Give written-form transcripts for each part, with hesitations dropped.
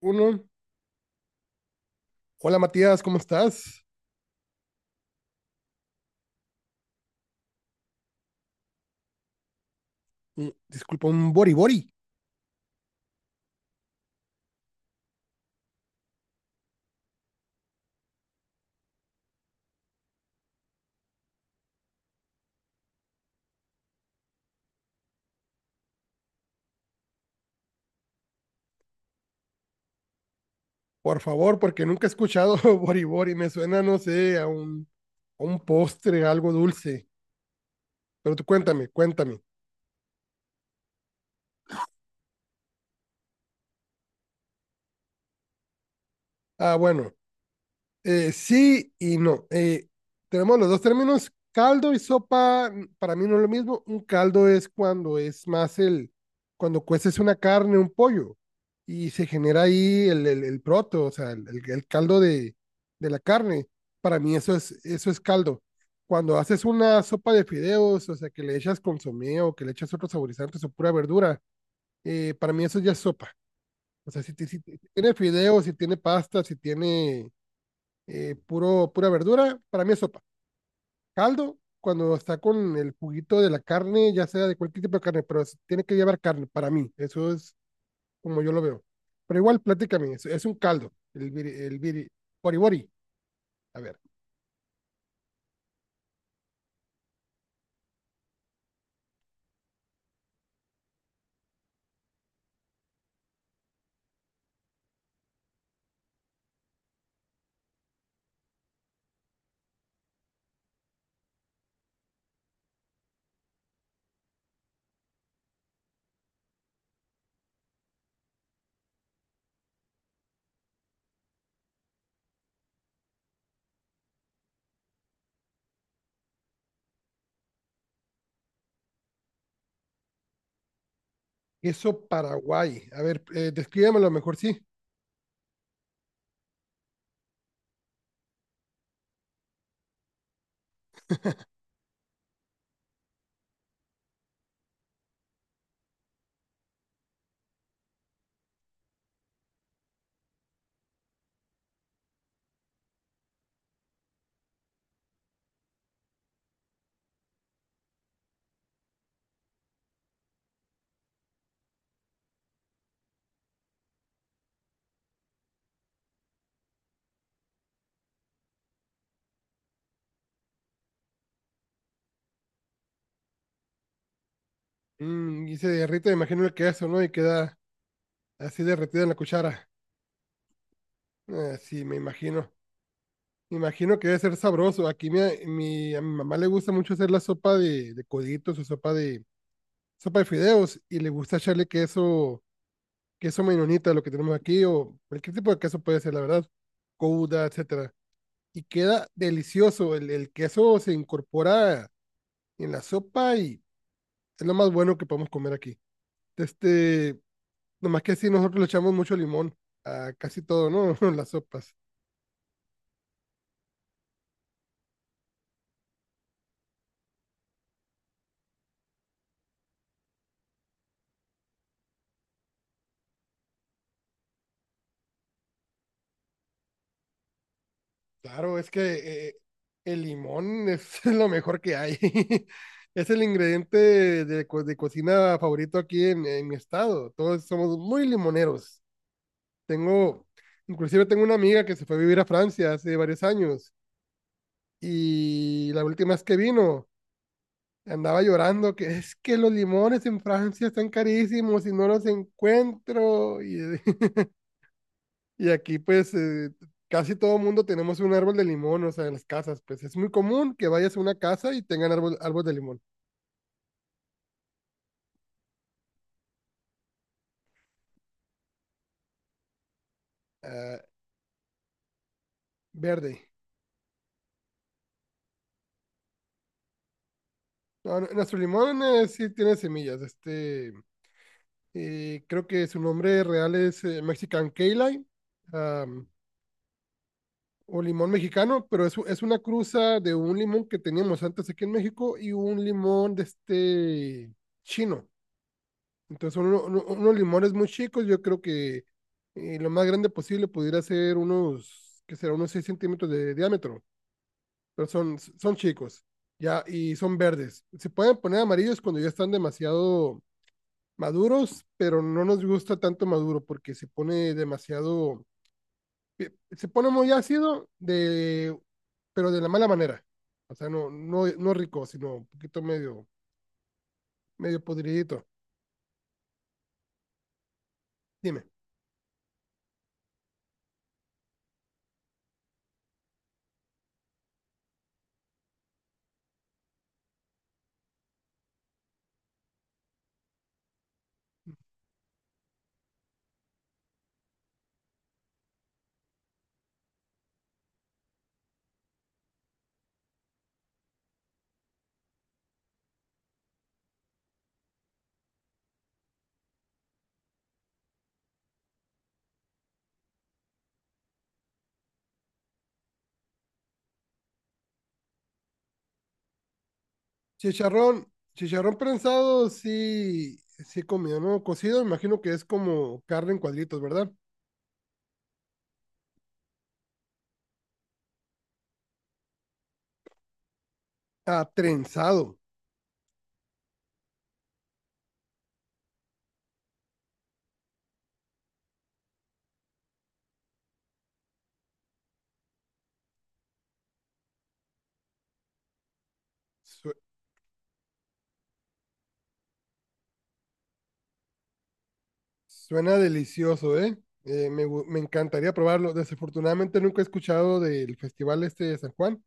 Uno. Hola Matías, ¿cómo estás? Disculpa, un bori bori, por favor, porque nunca he escuchado bori bori. Me suena, no sé, a un postre, a algo dulce. Pero tú cuéntame, cuéntame. Ah, bueno. Sí y no. Tenemos los dos términos. Caldo y sopa, para mí no es lo mismo. Un caldo es cuando es más cuando cueces una carne, un pollo, y se genera ahí el proto, o sea, el caldo de la carne. Para mí eso es caldo. Cuando haces una sopa de fideos, o sea, que le echas consomé o que le echas otros saborizantes o pura verdura, para mí eso ya es sopa. O sea, si, si tiene fideos, si tiene pasta, si tiene pura verdura, para mí es sopa. Caldo, cuando está con el juguito de la carne, ya sea de cualquier tipo de carne, pero tiene que llevar carne, para mí, eso es como yo lo veo. Pero igual, platícame, es un caldo, bori bori, a ver. Queso Paraguay, a ver, descríbamelo mejor, sí. Mm, y se derrite, me imagino el queso, ¿no? Y queda así derretida en la cuchara. Ah, sí, me imagino. Me imagino que debe ser sabroso. Aquí a mi mamá le gusta mucho hacer la sopa de coditos o sopa de fideos y le gusta echarle queso, queso menonita, lo que tenemos aquí, o cualquier tipo de queso puede ser, la verdad, gouda, etcétera. Y queda delicioso. El queso se incorpora en la sopa y es lo más bueno que podemos comer aquí. Este, nomás que así nosotros le echamos mucho limón a casi todo, ¿no? Las sopas. Claro, es que el limón es lo mejor que hay. Es el ingrediente de, de cocina favorito aquí en mi estado. Todos somos muy limoneros. Tengo, inclusive tengo una amiga que se fue a vivir a Francia hace varios años y la última vez que vino andaba llorando que es que los limones en Francia están carísimos y no los encuentro. Y y aquí, pues, casi todo mundo tenemos un árbol de limón, o sea, en las casas, pues es muy común que vayas a una casa y tengan árbol, árbol de limón. Ah, verde. No, no, nuestro limón sí tiene semillas. Este, creo que su nombre real es Mexican Key Lime, am, o limón mexicano, pero es, es una cruza de un limón que teníamos antes aquí en México y un limón de este chino. Entonces, unos limones muy chicos, yo creo que lo más grande posible pudiera ser unos, ¿que será? Unos 6 centímetros de diámetro, pero son, son chicos, ya, y son verdes. Se pueden poner amarillos cuando ya están demasiado maduros, pero no nos gusta tanto maduro porque se pone demasiado, se pone muy ácido, de, pero de la mala manera. O sea, no, no, no rico, sino un poquito medio, medio podridito. Dime. Chicharrón, chicharrón prensado, sí, sí he comido, ¿no? Cocido, imagino que es como carne en cuadritos, ¿verdad? Ah, trenzado. Su- Suena delicioso, ¿eh? Me encantaría probarlo. Desafortunadamente nunca he escuchado del festival este de San Juan,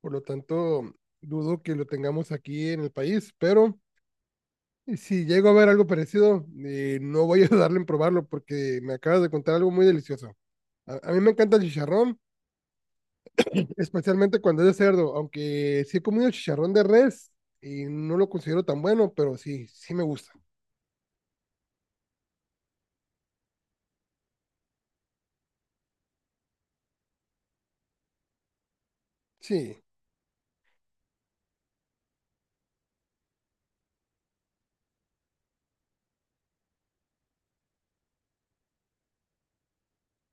por lo tanto dudo que lo tengamos aquí en el país, pero si llego a ver algo parecido, no voy a darle en probarlo porque me acabas de contar algo muy delicioso. A mí me encanta el chicharrón, especialmente cuando es de cerdo, aunque sí he comido chicharrón de res y no lo considero tan bueno, pero sí, sí me gusta. Sí,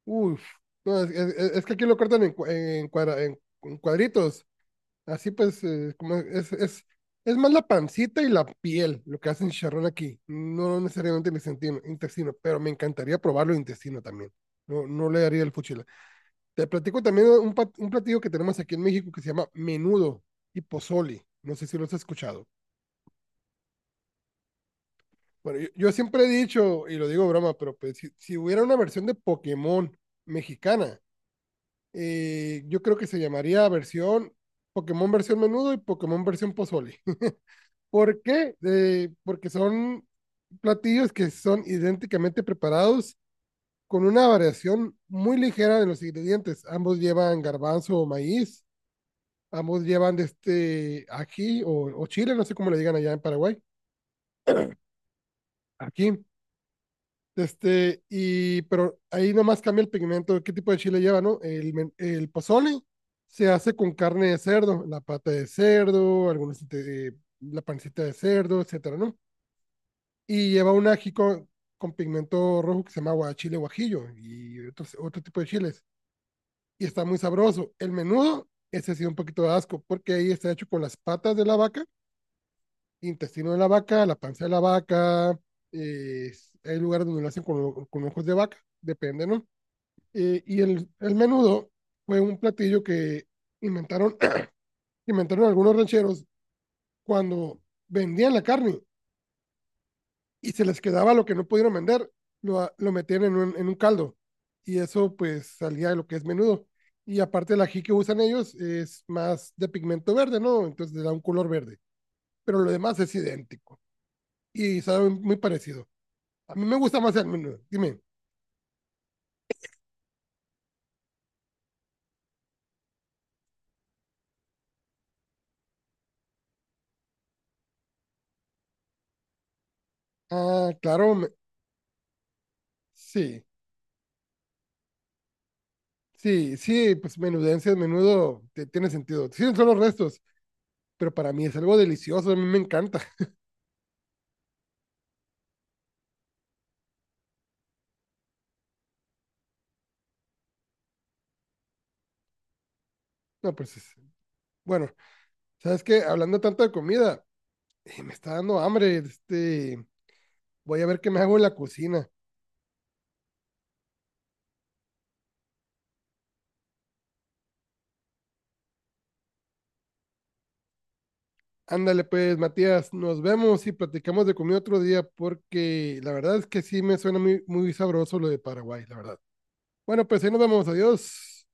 uff. No, es que aquí lo cortan en, en cuadritos. Así pues, es más la pancita y la piel lo que hacen chicharrón aquí. No necesariamente el intestino, intestino, pero me encantaría probarlo intestino también. No, no le daría el fuchila. Te platico también un, un platillo que tenemos aquí en México que se llama menudo y pozole. No sé si lo has escuchado. Bueno, yo siempre he dicho, y lo digo broma, pero pues, si, si hubiera una versión de Pokémon mexicana, yo creo que se llamaría versión Pokémon versión menudo y Pokémon versión pozole. ¿Por qué? Porque son platillos que son idénticamente preparados con una variación muy ligera de los ingredientes. Ambos llevan garbanzo o maíz, ambos llevan de este ají o chile, no sé cómo le digan allá en Paraguay. Aquí este, y, pero ahí nomás cambia el pigmento, qué tipo de chile lleva, ¿no? El pozole se hace con carne de cerdo, la pata de cerdo, algunos, la pancita de cerdo, etcétera, ¿no? Y lleva un ají con pigmento rojo que se llama guachile guajillo y otros, otro tipo de chiles. Y está muy sabroso. El menudo, ese sí da un poquito de asco, porque ahí está hecho con las patas de la vaca, intestino de la vaca, la panza de la vaca, eh, hay lugares donde lo hacen con ojos de vaca, depende, ¿no? y el menudo fue un platillo que inventaron, inventaron algunos rancheros cuando vendían la carne y se les quedaba lo que no pudieron vender, lo, lo metían en un caldo y eso pues salía de lo que es menudo. Y aparte el ají que usan ellos es más de pigmento verde, ¿no? Entonces le da un color verde, pero lo demás es idéntico y sabe muy parecido. A mí me gusta más el menudo, dime. Ah, claro, me- sí. Sí, sí, pues menudencias, menudo, tiene sentido. Sí, son los restos, pero para mí es algo delicioso, a mí me encanta. No, pues bueno, ¿sabes qué? Hablando tanto de comida, me está dando hambre, este, voy a ver qué me hago en la cocina. Ándale pues, Matías, nos vemos y platicamos de comida otro día, porque la verdad es que sí me suena muy, muy sabroso lo de Paraguay, la verdad. Bueno, pues ahí nos vemos, adiós.